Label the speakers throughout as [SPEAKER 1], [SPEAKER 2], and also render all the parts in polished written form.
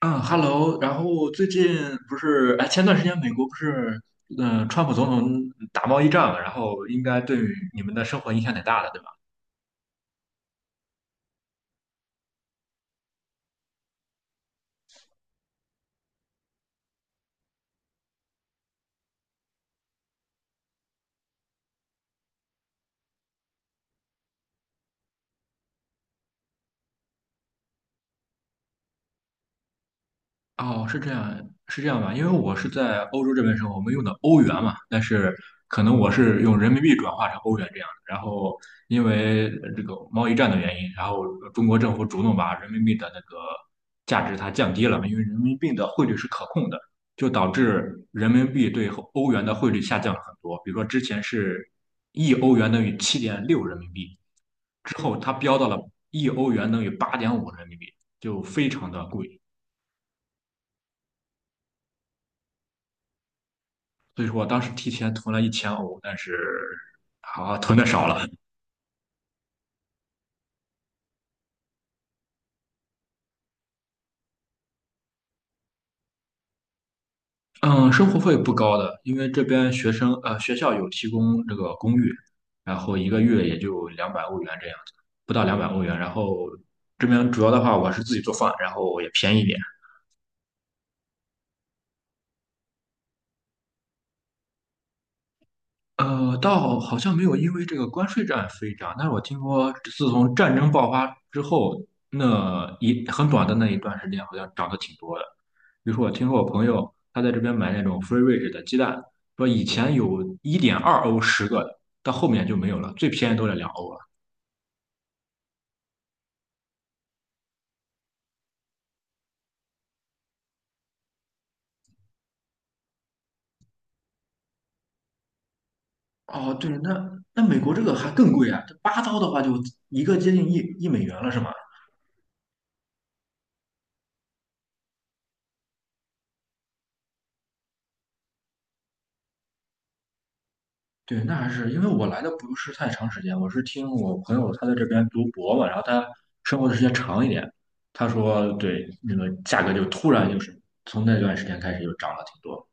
[SPEAKER 1] 嗯，Hello，然后最近不是，哎，前段时间美国不是，川普总统打贸易战嘛，然后应该对你们的生活影响挺大的，对吧？哦，是这样，是这样吧？因为我是在欧洲这边生活，我们用的欧元嘛，但是可能我是用人民币转化成欧元这样的。然后因为这个贸易战的原因，然后中国政府主动把人民币的那个价值它降低了嘛，因为人民币的汇率是可控的，就导致人民币对欧元的汇率下降了很多。比如说之前是一欧元等于7.6人民币，之后它飙到了一欧元等于8.5人民币，就非常的贵。所以说我当时提前囤了1000欧，但是囤的少了。嗯，生活费不高的，因为这边学校有提供这个公寓，然后一个月也就两百欧元这样子，不到两百欧元。然后这边主要的话我是自己做饭，然后也便宜一点。倒好像没有因为这个关税战飞涨，但是我听说自从战争爆发之后，很短的那一段时间，好像涨得挺多的。比如说，我听说我朋友他在这边买那种 free range 的鸡蛋，说以前有1.2欧十个的，到后面就没有了，最便宜都得两欧了。哦，对，那美国这个还更贵啊，这8刀的话就一个接近一美元了，是吗？对，那还是因为我来的不是太长时间，我是听我朋友他在这边读博嘛，然后他生活的时间长一点，他说对，那个价格就突然就是从那段时间开始就涨了挺多。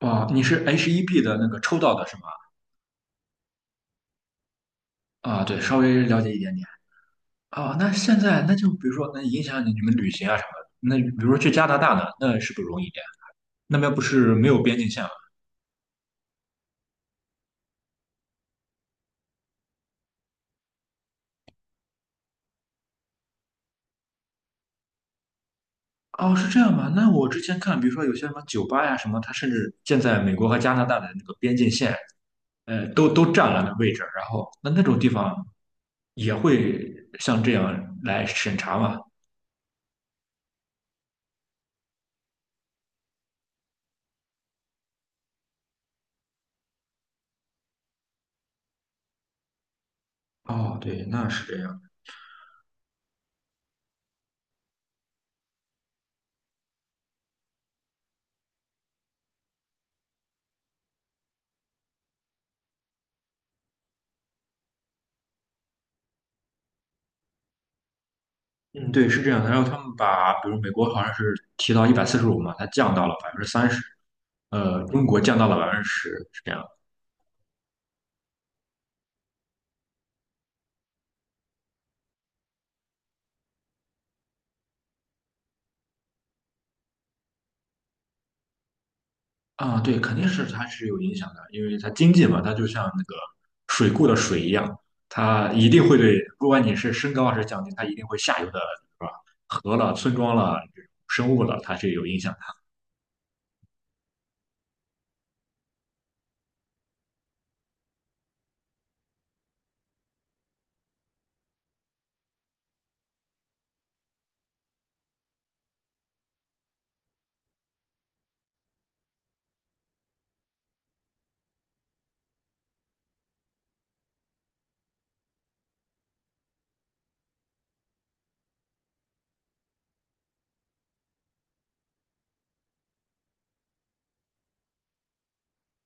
[SPEAKER 1] 啊，你是 HEB 的那个抽到的是吗？啊，对，稍微了解一点点。啊，那现在那就比如说，那影响你们旅行啊什么的。那比如说去加拿大呢，那是不是容易一点？那边不是没有边境线吗？哦，是这样吗？那我之前看，比如说有些什么酒吧呀什么，它甚至建在美国和加拿大的那个边境线。都占了那位置，然后那种地方也会像这样来审查嘛？哦，对，那是这样，嗯，对，是这样的。然后他们把，比如美国好像是提到145嘛，它降到了30%，中国降到了百分之十，是这样。啊，对，肯定是它是有影响的，因为它经济嘛，它就像那个水库的水一样，它一定会对，不管你是升高还是降低，它一定会下游的，是吧？河了、村庄了、生物了，它是有影响。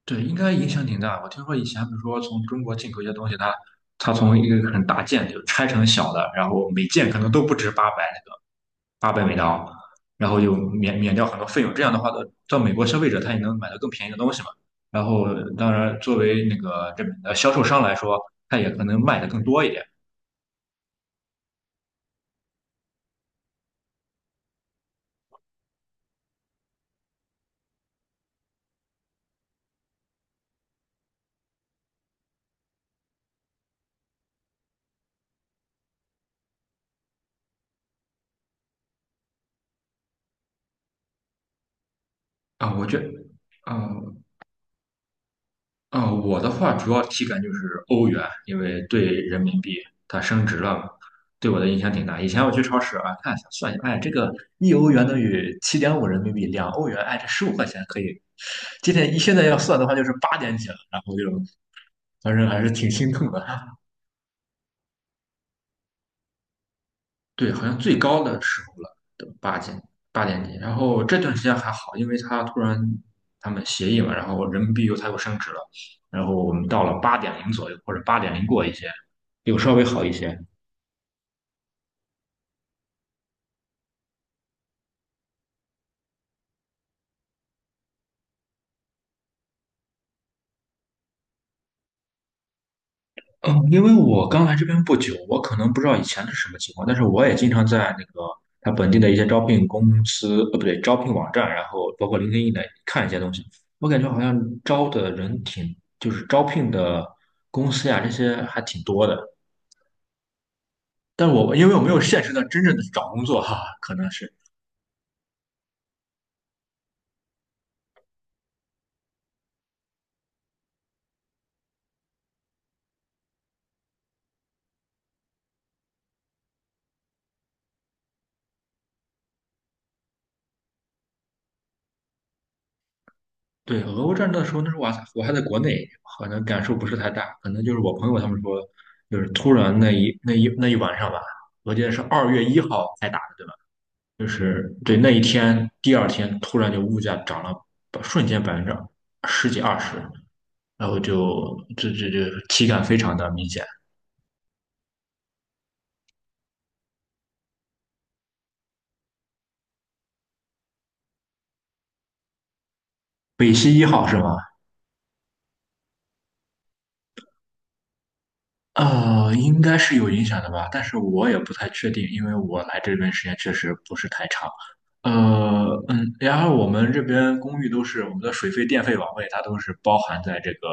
[SPEAKER 1] 对，应该影响挺大。我听说以前比如说从中国进口一些东西，它从一个很大件就拆成小的，然后每件可能都不止八百美刀，然后就免掉很多费用。这样的话，到美国消费者他也能买到更便宜的东西嘛。然后，当然作为那个这呃销售商来说，他也可能卖的更多一点啊。我觉得，啊，我的话主要体感就是欧元，因为对人民币它升值了嘛，对我的影响挺大。以前我去超市啊，看一下算一下，哎，这个一欧元等于7.5人民币，2欧元，哎，这15块钱可以。今天一现在要算的话，就是八点几了，然后就反正还是挺心痛的。对，好像最高的时候了，都八点几，然后这段时间还好，因为他突然他们协议嘛，然后人民币又它又升值了，然后我们到了八点零左右或者八点零过一些，又稍微好一些。嗯，因为我刚来这边不久，我可能不知道以前是什么情况，但是我也经常在那个他本地的一些招聘公司，不对，招聘网站，然后包括 l i n 的看一些东西。我感觉好像招的人挺，就是招聘的公司呀，这些还挺多的。因为我没有现实的真正的去找工作哈，可能是对俄乌战争的时候，那时候我还在国内，可能感受不是太大，可能就是我朋友他们说，就是突然那一晚上吧，我记得是2月1号才打的，对吧？就是对那一天，第二天突然就物价涨了，瞬间百分之十几二十，然后就这体感非常的明显。北溪一号是吗？应该是有影响的吧，但是我也不太确定，因为我来这边时间确实不是太长。然后我们这边公寓都是我们的水费、电费、网费，它都是包含在这个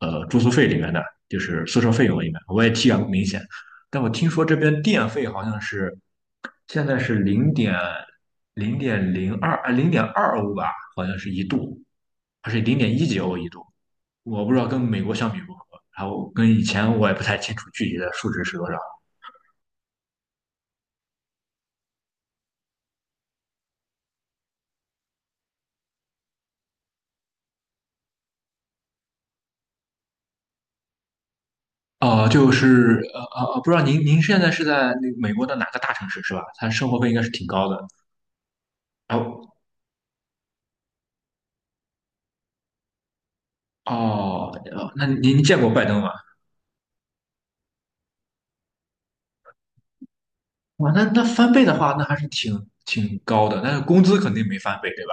[SPEAKER 1] 住宿费里面的，就是宿舍费用里面。我也体感不明显，但我听说这边电费好像是现在是0.02啊，0.2欧吧，好像是一度，还是零点一几欧一度，我不知道跟美国相比如何。然后跟以前我也不太清楚具体的数值是多少。哦、不知道您现在是在那个美国的哪个大城市是吧？它生活费应该是挺高的。然后哦，那您见过拜登吗？哇，那翻倍的话，那还是挺高的，但是工资肯定没翻倍，对吧？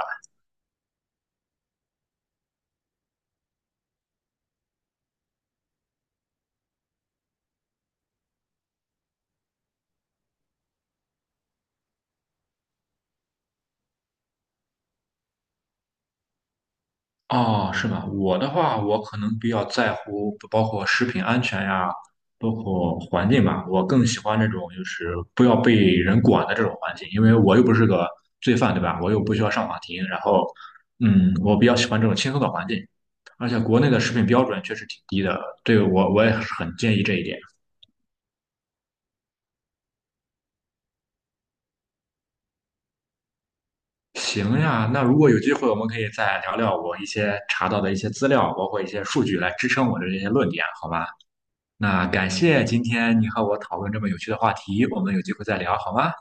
[SPEAKER 1] 哦，是吗？我的话，我可能比较在乎，包括食品安全呀，包括环境吧。我更喜欢这种就是不要被人管的这种环境，因为我又不是个罪犯，对吧？我又不需要上法庭。然后，嗯，我比较喜欢这种轻松的环境。而且国内的食品标准确实挺低的，对我也是很建议这一点。行呀，那如果有机会，我们可以再聊聊我一些查到的一些资料，包括一些数据来支撑我的这些论点，好吧？那感谢今天你和我讨论这么有趣的话题，我们有机会再聊好吗？